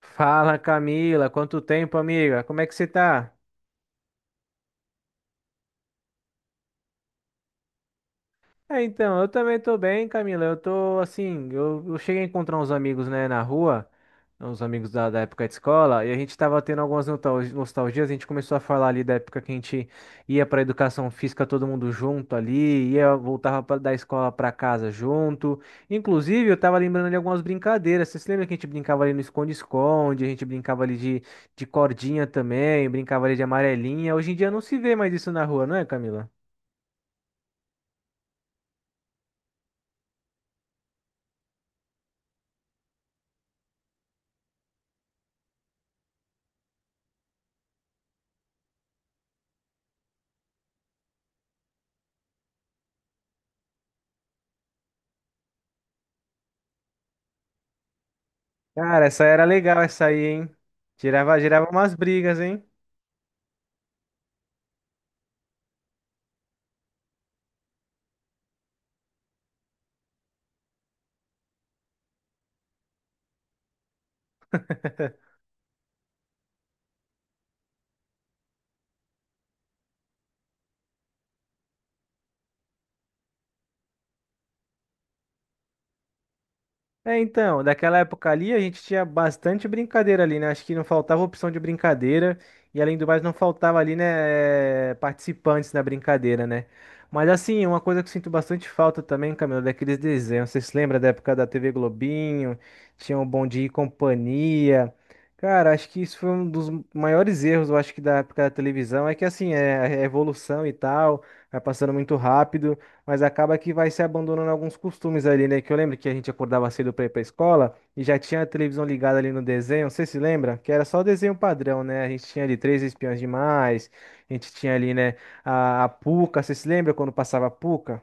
Fala, Camila, quanto tempo, amiga? Como é que você tá? Eu também tô bem, Camila. Eu tô assim, eu cheguei a encontrar uns amigos, né, na rua, uns amigos da época de escola, e a gente tava tendo algumas nostalgias. A gente começou a falar ali da época que a gente ia pra educação física todo mundo junto ali, ia, voltava da escola pra casa junto. Inclusive, eu tava lembrando de algumas brincadeiras. Você se lembra que a gente brincava ali no esconde-esconde, a gente brincava ali de cordinha também, brincava ali de amarelinha. Hoje em dia não se vê mais isso na rua, não é, Camila? Cara, essa era legal, essa aí, hein? Girava, girava umas brigas, hein? É, então, daquela época ali a gente tinha bastante brincadeira ali, né? Acho que não faltava opção de brincadeira e, além do mais, não faltava ali, né, participantes na brincadeira, né? Mas assim, uma coisa que eu sinto bastante falta também, Camilo, é daqueles desenhos. Vocês se lembra da época da TV Globinho? Tinha o Bom Dia e Companhia. Cara, acho que isso foi um dos maiores erros, eu acho, que da época da televisão, é que assim, é a evolução e tal, vai passando muito rápido. Mas acaba que vai se abandonando alguns costumes ali, né? Que eu lembro que a gente acordava cedo pra ir pra escola e já tinha a televisão ligada ali no desenho. Você se lembra? Que era só o desenho padrão, né? A gente tinha ali Três Espiãs Demais, a gente tinha ali, né? A Puca. Você se lembra quando passava a Puca?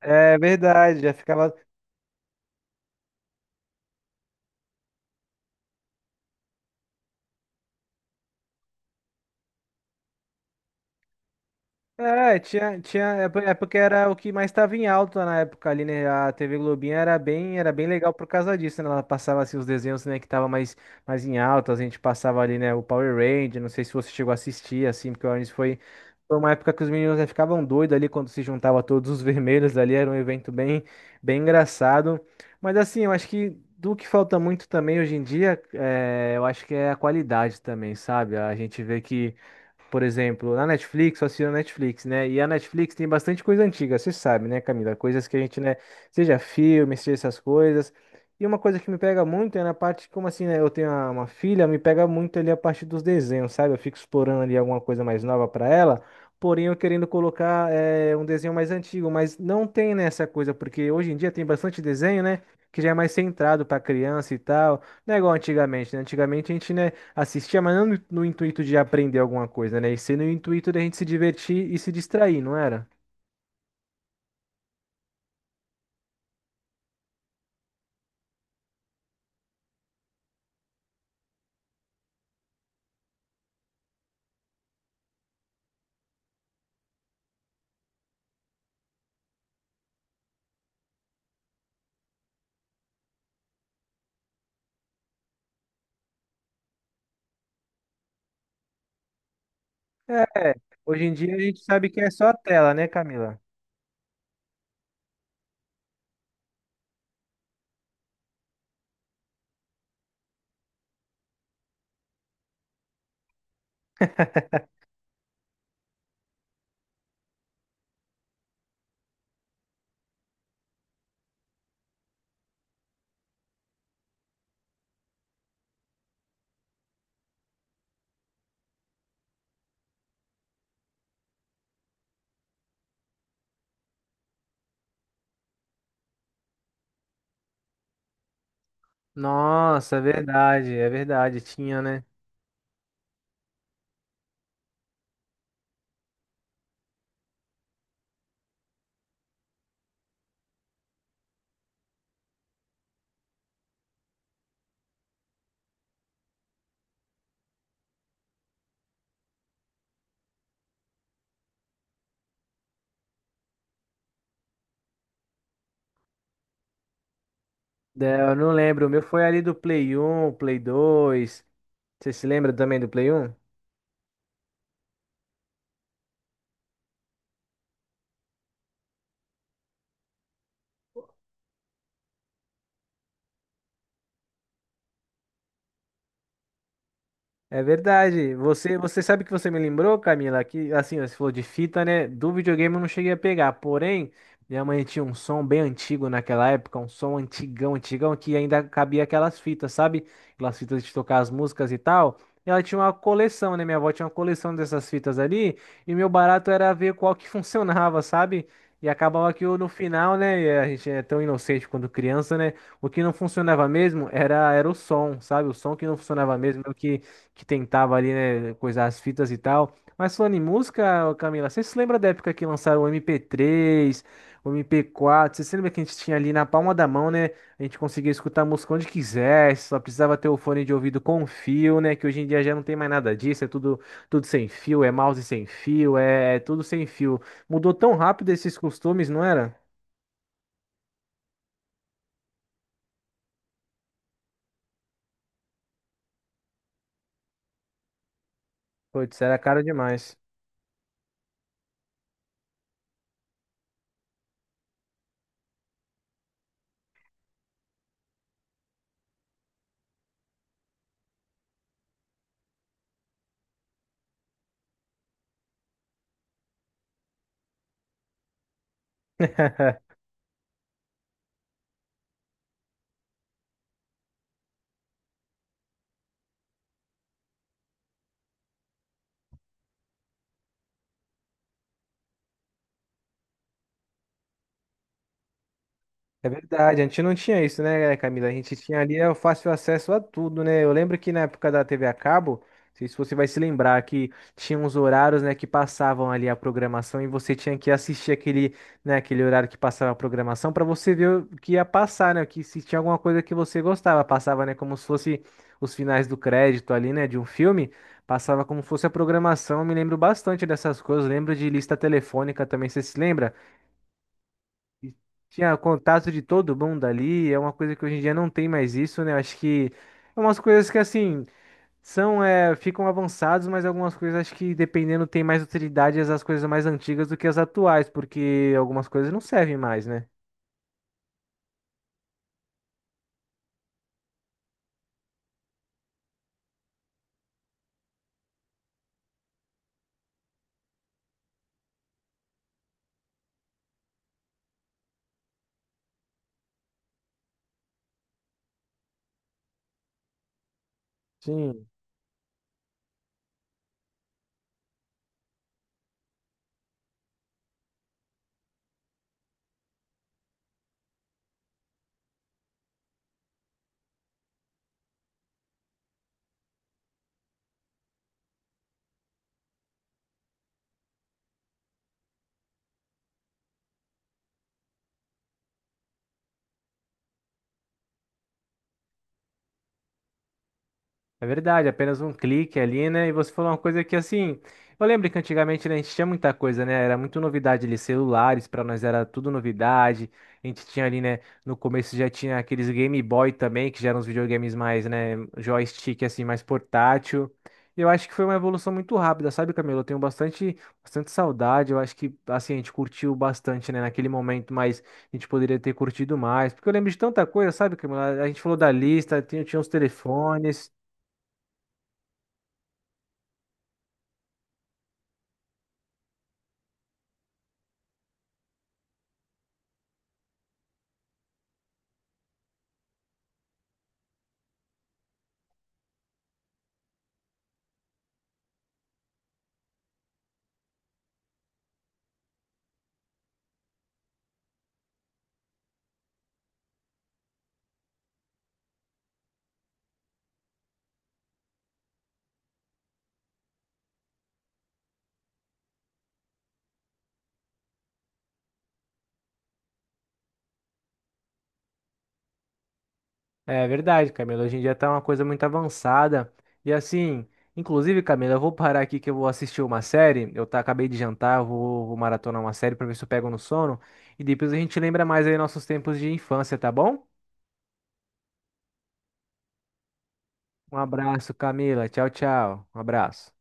É verdade, já ficava. É, tinha, tinha, é é porque era o que mais estava em alta na época ali, né? A TV Globinho era bem legal por causa disso, né? Ela passava assim os desenhos, né, que tava mais em alta, a gente passava ali, né, o Power Ranger, não sei se você chegou a assistir assim, porque o Orange foi, foi uma época que os meninos, né, ficavam doidos ali quando se juntava todos os vermelhos ali, era um evento bem, bem engraçado. Mas assim, eu acho que do que falta muito também hoje em dia, é, eu acho que é a qualidade também, sabe? A gente vê que, por exemplo, na Netflix, só assino a Netflix, né? E a Netflix tem bastante coisa antiga, você sabe, né, Camila? Coisas que a gente, né, seja filme, seja essas coisas. E uma coisa que me pega muito é na parte, como assim, né? Eu tenho uma filha, me pega muito ali a parte dos desenhos, sabe? Eu fico explorando ali alguma coisa mais nova para ela, porém eu querendo colocar é, um desenho mais antigo, mas não tem nessa coisa, porque hoje em dia tem bastante desenho, né? Que já é mais centrado para criança e tal. Não é igual antigamente, né? Antigamente a gente, né? Assistia, mas não no intuito de aprender alguma coisa, né? E sim no intuito da gente se divertir e se distrair, não era? É, hoje em dia a gente sabe que é só tela, né, Camila? Nossa, é verdade, tinha, né? É, eu não lembro, o meu foi ali do Play 1, Play 2. Você se lembra também do Play 1? É verdade. Você, você sabe que você me lembrou, Camila, que assim, ó, você falou de fita, né? Do videogame eu não cheguei a pegar. Porém, minha mãe tinha um som bem antigo naquela época, um som antigão, antigão, que ainda cabia aquelas fitas, sabe? Aquelas fitas de tocar as músicas e tal. E ela tinha uma coleção, né? Minha avó tinha uma coleção dessas fitas ali, e meu barato era ver qual que funcionava, sabe? E acabava que eu, no final, né? E a gente é tão inocente quando criança, né? O que não funcionava mesmo era o som, sabe? O som que não funcionava mesmo, é o que tentava ali, né, coisar as fitas e tal. Mas falando em música, ô Camila, você se lembra da época que lançaram o mp três, o mp quatro? Você se lembra que a gente tinha ali na palma da mão, né? A gente conseguia escutar música onde quisesse, só precisava ter o fone de ouvido com fio, né? Que hoje em dia já não tem mais nada disso, é tudo, tudo sem fio, é mouse sem fio, é, é tudo sem fio. Mudou tão rápido esses costumes, não era? Putz, era caro demais. É verdade, a gente não tinha isso, né, Camila? A gente tinha ali é, o fácil acesso a tudo, né? Eu lembro que na época da TV a cabo, não sei se você vai se lembrar, que tinha uns horários, né, que passavam ali a programação e você tinha que assistir aquele, né, aquele horário que passava a programação para você ver o que ia passar, né? Que se tinha alguma coisa que você gostava, passava, né, como se fosse os finais do crédito ali, né, de um filme. Passava como se fosse a programação, eu me lembro bastante dessas coisas, lembro de lista telefônica também, você se lembra? Tinha contato de todo mundo ali, é uma coisa que hoje em dia não tem mais isso, né? Eu acho que é umas coisas que assim são é, ficam avançados, mas algumas coisas acho que dependendo tem mais utilidade as coisas mais antigas do que as atuais, porque algumas coisas não servem mais, né? Sim. É verdade, apenas um clique ali, né? E você falou uma coisa que assim, eu lembro que antigamente, né, a gente tinha muita coisa, né? Era muito novidade ali, celulares, pra nós era tudo novidade. A gente tinha ali, né, no começo já tinha aqueles Game Boy também, que já eram os videogames mais, né, joystick assim, mais portátil. E eu acho que foi uma evolução muito rápida, sabe, Camilo? Eu tenho bastante, bastante saudade. Eu acho que assim, a gente curtiu bastante, né, naquele momento, mas a gente poderia ter curtido mais, porque eu lembro de tanta coisa, sabe, Camilo? A gente falou da lista, tinha, tinha os telefones. É verdade, Camila. Hoje em dia tá uma coisa muito avançada. E assim, inclusive, Camila, eu vou parar aqui que eu vou assistir uma série. Eu tá, acabei de jantar, eu vou, vou maratonar uma série pra ver se eu pego no sono. E depois a gente lembra mais aí nossos tempos de infância, tá bom? Um abraço, Camila. Tchau, tchau. Um abraço.